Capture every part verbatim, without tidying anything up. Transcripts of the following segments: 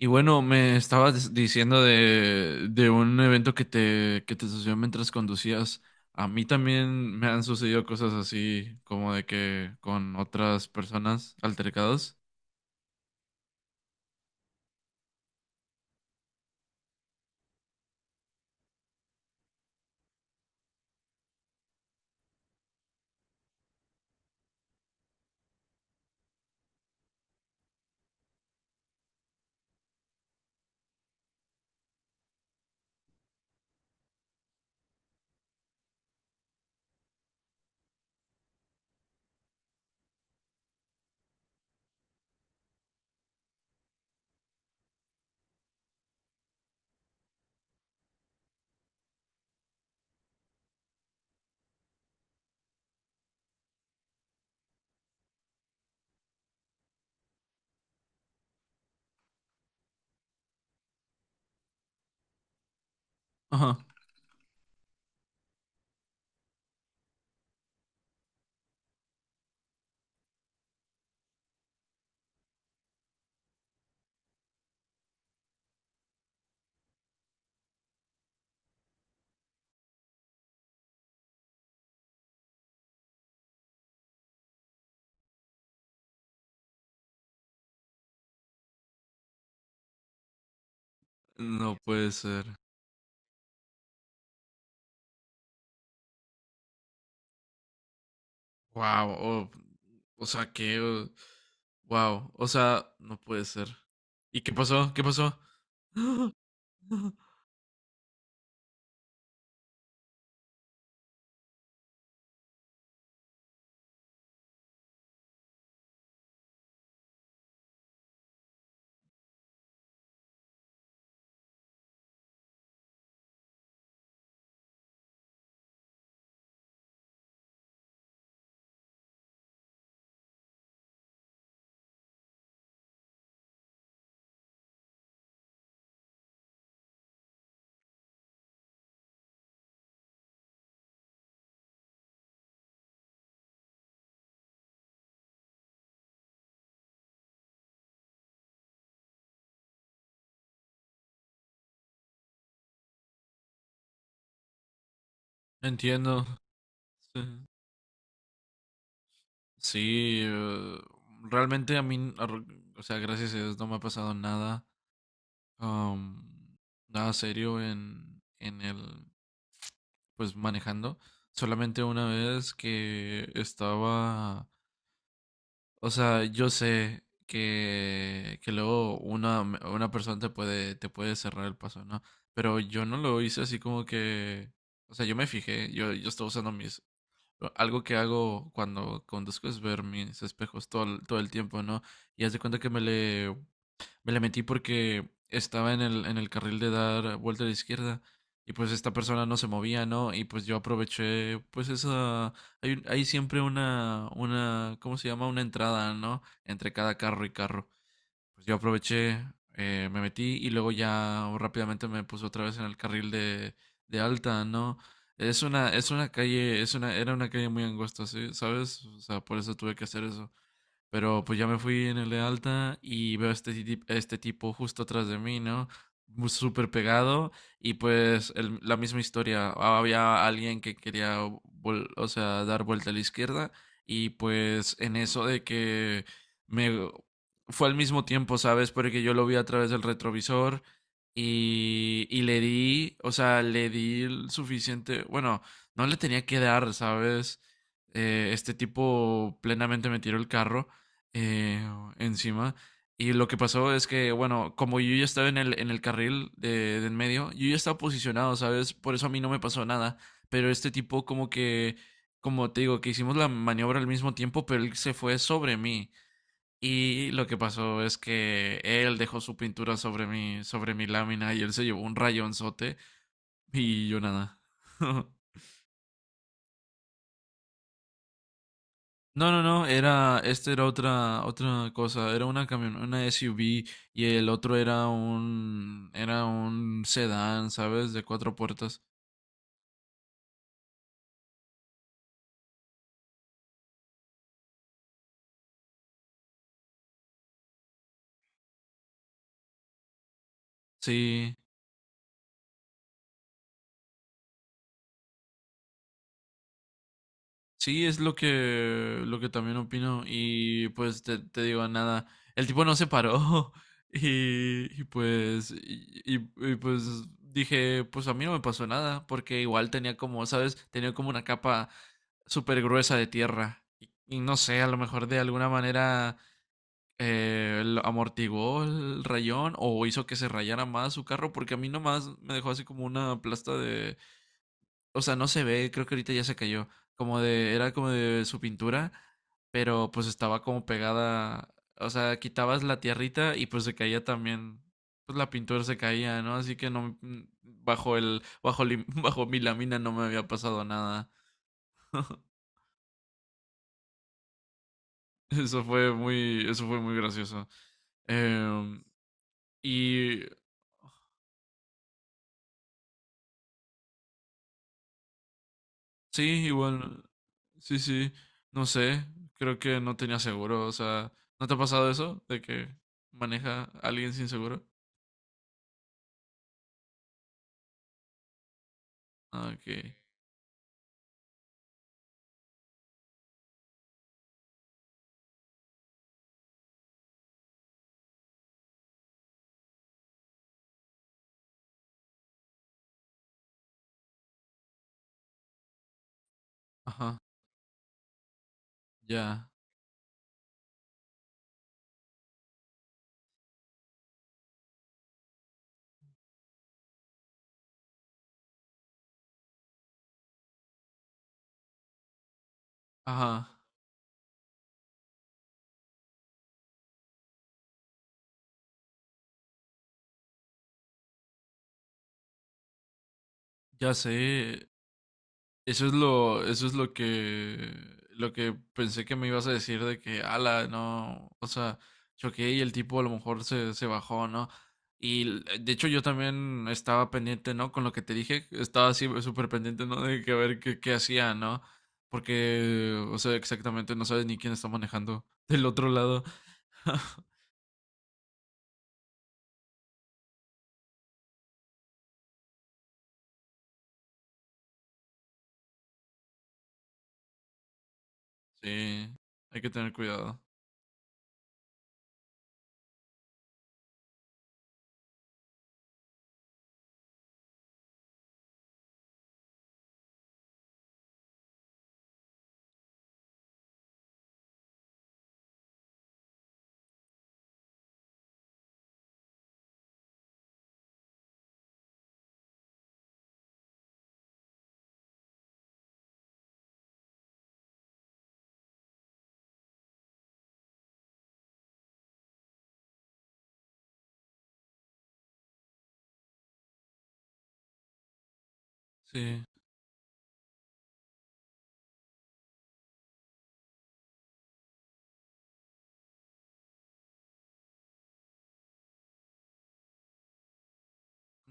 Y bueno, me estabas diciendo de, de un evento que te, que te sucedió mientras conducías. A mí también me han sucedido cosas así, como de que con otras personas altercados. Ajá. No puede ser. Wow. o o sea, que... Wow. O sea, no puede ser. ¿Y qué pasó? ¿Qué pasó? Entiendo. Sí, Sí, eh, Realmente a mí, a- r- o sea, gracias a Dios no me ha pasado nada. am, Nada serio en, en el, pues manejando. Solamente una vez que estaba, o sea, yo sé que, que luego una, una persona te puede, te puede cerrar el paso, ¿no? Pero yo no lo hice así como que, o sea, yo me fijé, yo, yo estaba usando mis, algo que hago cuando conduzco es ver mis espejos todo, el- todo el tiempo, ¿no? Y haz de cuenta que me le me le metí porque estaba en el, en el carril de dar vuelta a la izquierda y pues esta persona no se movía, ¿no? Y pues yo aproveché, pues esa, hay, un- hay siempre una, una, ¿cómo se llama? Una entrada, ¿no? Entre cada carro y carro. Pues yo aproveché, eh, me metí y luego ya rápidamente me puse otra vez en el carril de, de alta, ¿no? Es una, es una calle, es una, Era una calle muy angosta, ¿sí? ¿Sabes? O sea, por eso tuve que hacer eso. Pero pues ya me fui en el de alta y veo a este, ti- este tipo justo atrás de mí, ¿no? Mu- Súper pegado y pues el- la misma historia. Había alguien que quería, vol- o sea, dar vuelta a la izquierda y pues en eso de que me... Fue al mismo tiempo, ¿sabes? Porque yo lo vi a través del retrovisor y, y le di, o sea, le di el suficiente, bueno, no le tenía que dar, ¿sabes? Eh, este tipo plenamente me tiró el carro eh, encima. Y lo que pasó es que, bueno, como yo ya estaba en el, en el carril de, de en medio, yo ya estaba posicionado, ¿sabes? Por eso a mí no me pasó nada. Pero este tipo como que, como te digo, que hicimos la maniobra al mismo tiempo, pero él se fue sobre mí. Y lo que pasó es que él dejó su pintura sobre mi, sobre mi lámina y él se llevó un rayonzote y yo nada. No, no, no, era, Este era otra, otra cosa, era una camion, una S U V y el otro era un, era un sedán, ¿sabes? De cuatro puertas. Sí, sí, es lo que, lo que también opino y pues te, te digo nada, el tipo no se paró y, y pues, y, y- y, pues dije, pues a mí no me pasó nada porque igual tenía como, ¿sabes? Tenía como una capa súper gruesa de tierra y y no sé, a lo mejor de alguna manera eh, el- amortiguó el rayón o hizo que se rayara más su carro, porque a mí nomás me dejó así como una plasta de, o sea, no se ve, creo que ahorita ya se cayó, como de, era como de su pintura, pero pues estaba como pegada, o sea, quitabas la tierrita y pues se caía también, pues la pintura se caía, ¿no? Así que no, mm, bajo el, bajo, lim- bajo mi lámina no me había pasado nada. Eso fue muy, eso fue muy gracioso. Em, y Sí, igual. Sí, sí. No sé. Creo que no tenía seguro. O sea, ¿no te ha pasado eso? De que maneja a alguien sin seguro. Ah, ok. Ajá. Ya. Ajá. Ya sé. Eso es lo, eso es lo que, lo que pensé que me ibas a decir de que, ala, no, o sea, choqué y el tipo a lo mejor se, se bajó, ¿no? Y l- de hecho yo también estaba pendiente, ¿no? Con lo que te dije, estaba así súper pendiente, ¿no? De que a ver qué, qué hacía, ¿no? Porque, o sea, exactamente no sabes ni quién está manejando del otro lado. Sí, hay que tener cuidado. Sí,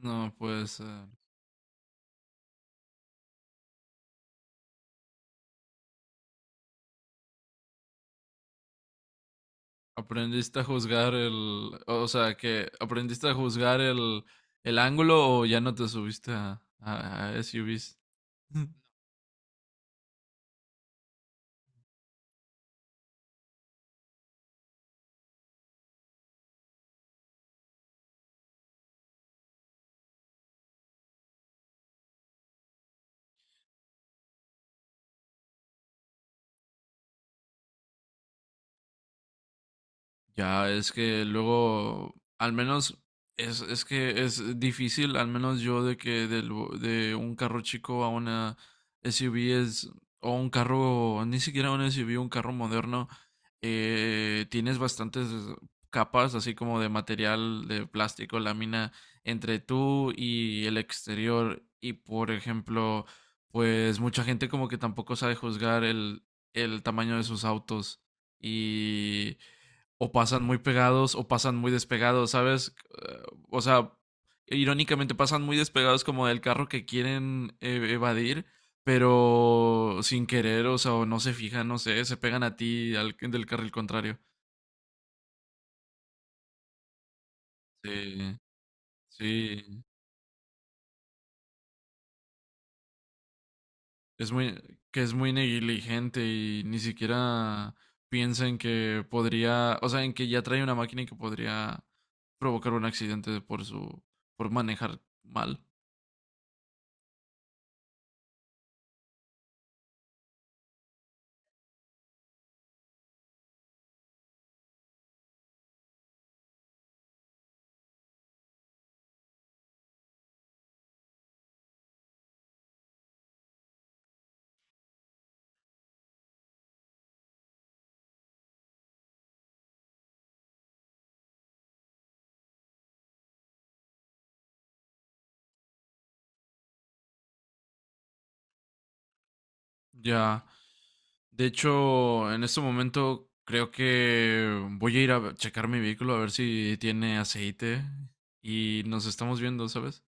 no, pues... eh, Aprendiste a juzgar el, o sea, que aprendiste a juzgar el, el ángulo o ya no te subiste a, a, a S U Vs. Ya, es que luego, al menos, es, es que es difícil, al menos yo, de que del vo- de un carro chico a una S U V es, o un carro, ni siquiera un S U V, un carro moderno, eh, tienes bastantes capas, así como de material, de plástico, lámina, entre tú y el exterior. Y, por ejemplo, pues mucha gente como que tampoco sabe juzgar el, el tamaño de sus autos. Y o pasan muy pegados o pasan muy despegados, ¿sabes? Uh, o sea, irónicamente pasan muy despegados como del carro que quieren ev evadir, pero sin querer, o sea, o no se fijan, no sé, se pegan a ti al, del carril contrario. Sí, sí, es muy, que es muy negligente y ni siquiera piensa en que podría, o sea, en que ya trae una máquina y que podría provocar un accidente por su, por manejar mal. Ya. De hecho, en este momento creo que voy a ir a checar mi vehículo a ver si tiene aceite y nos estamos viendo, ¿sabes?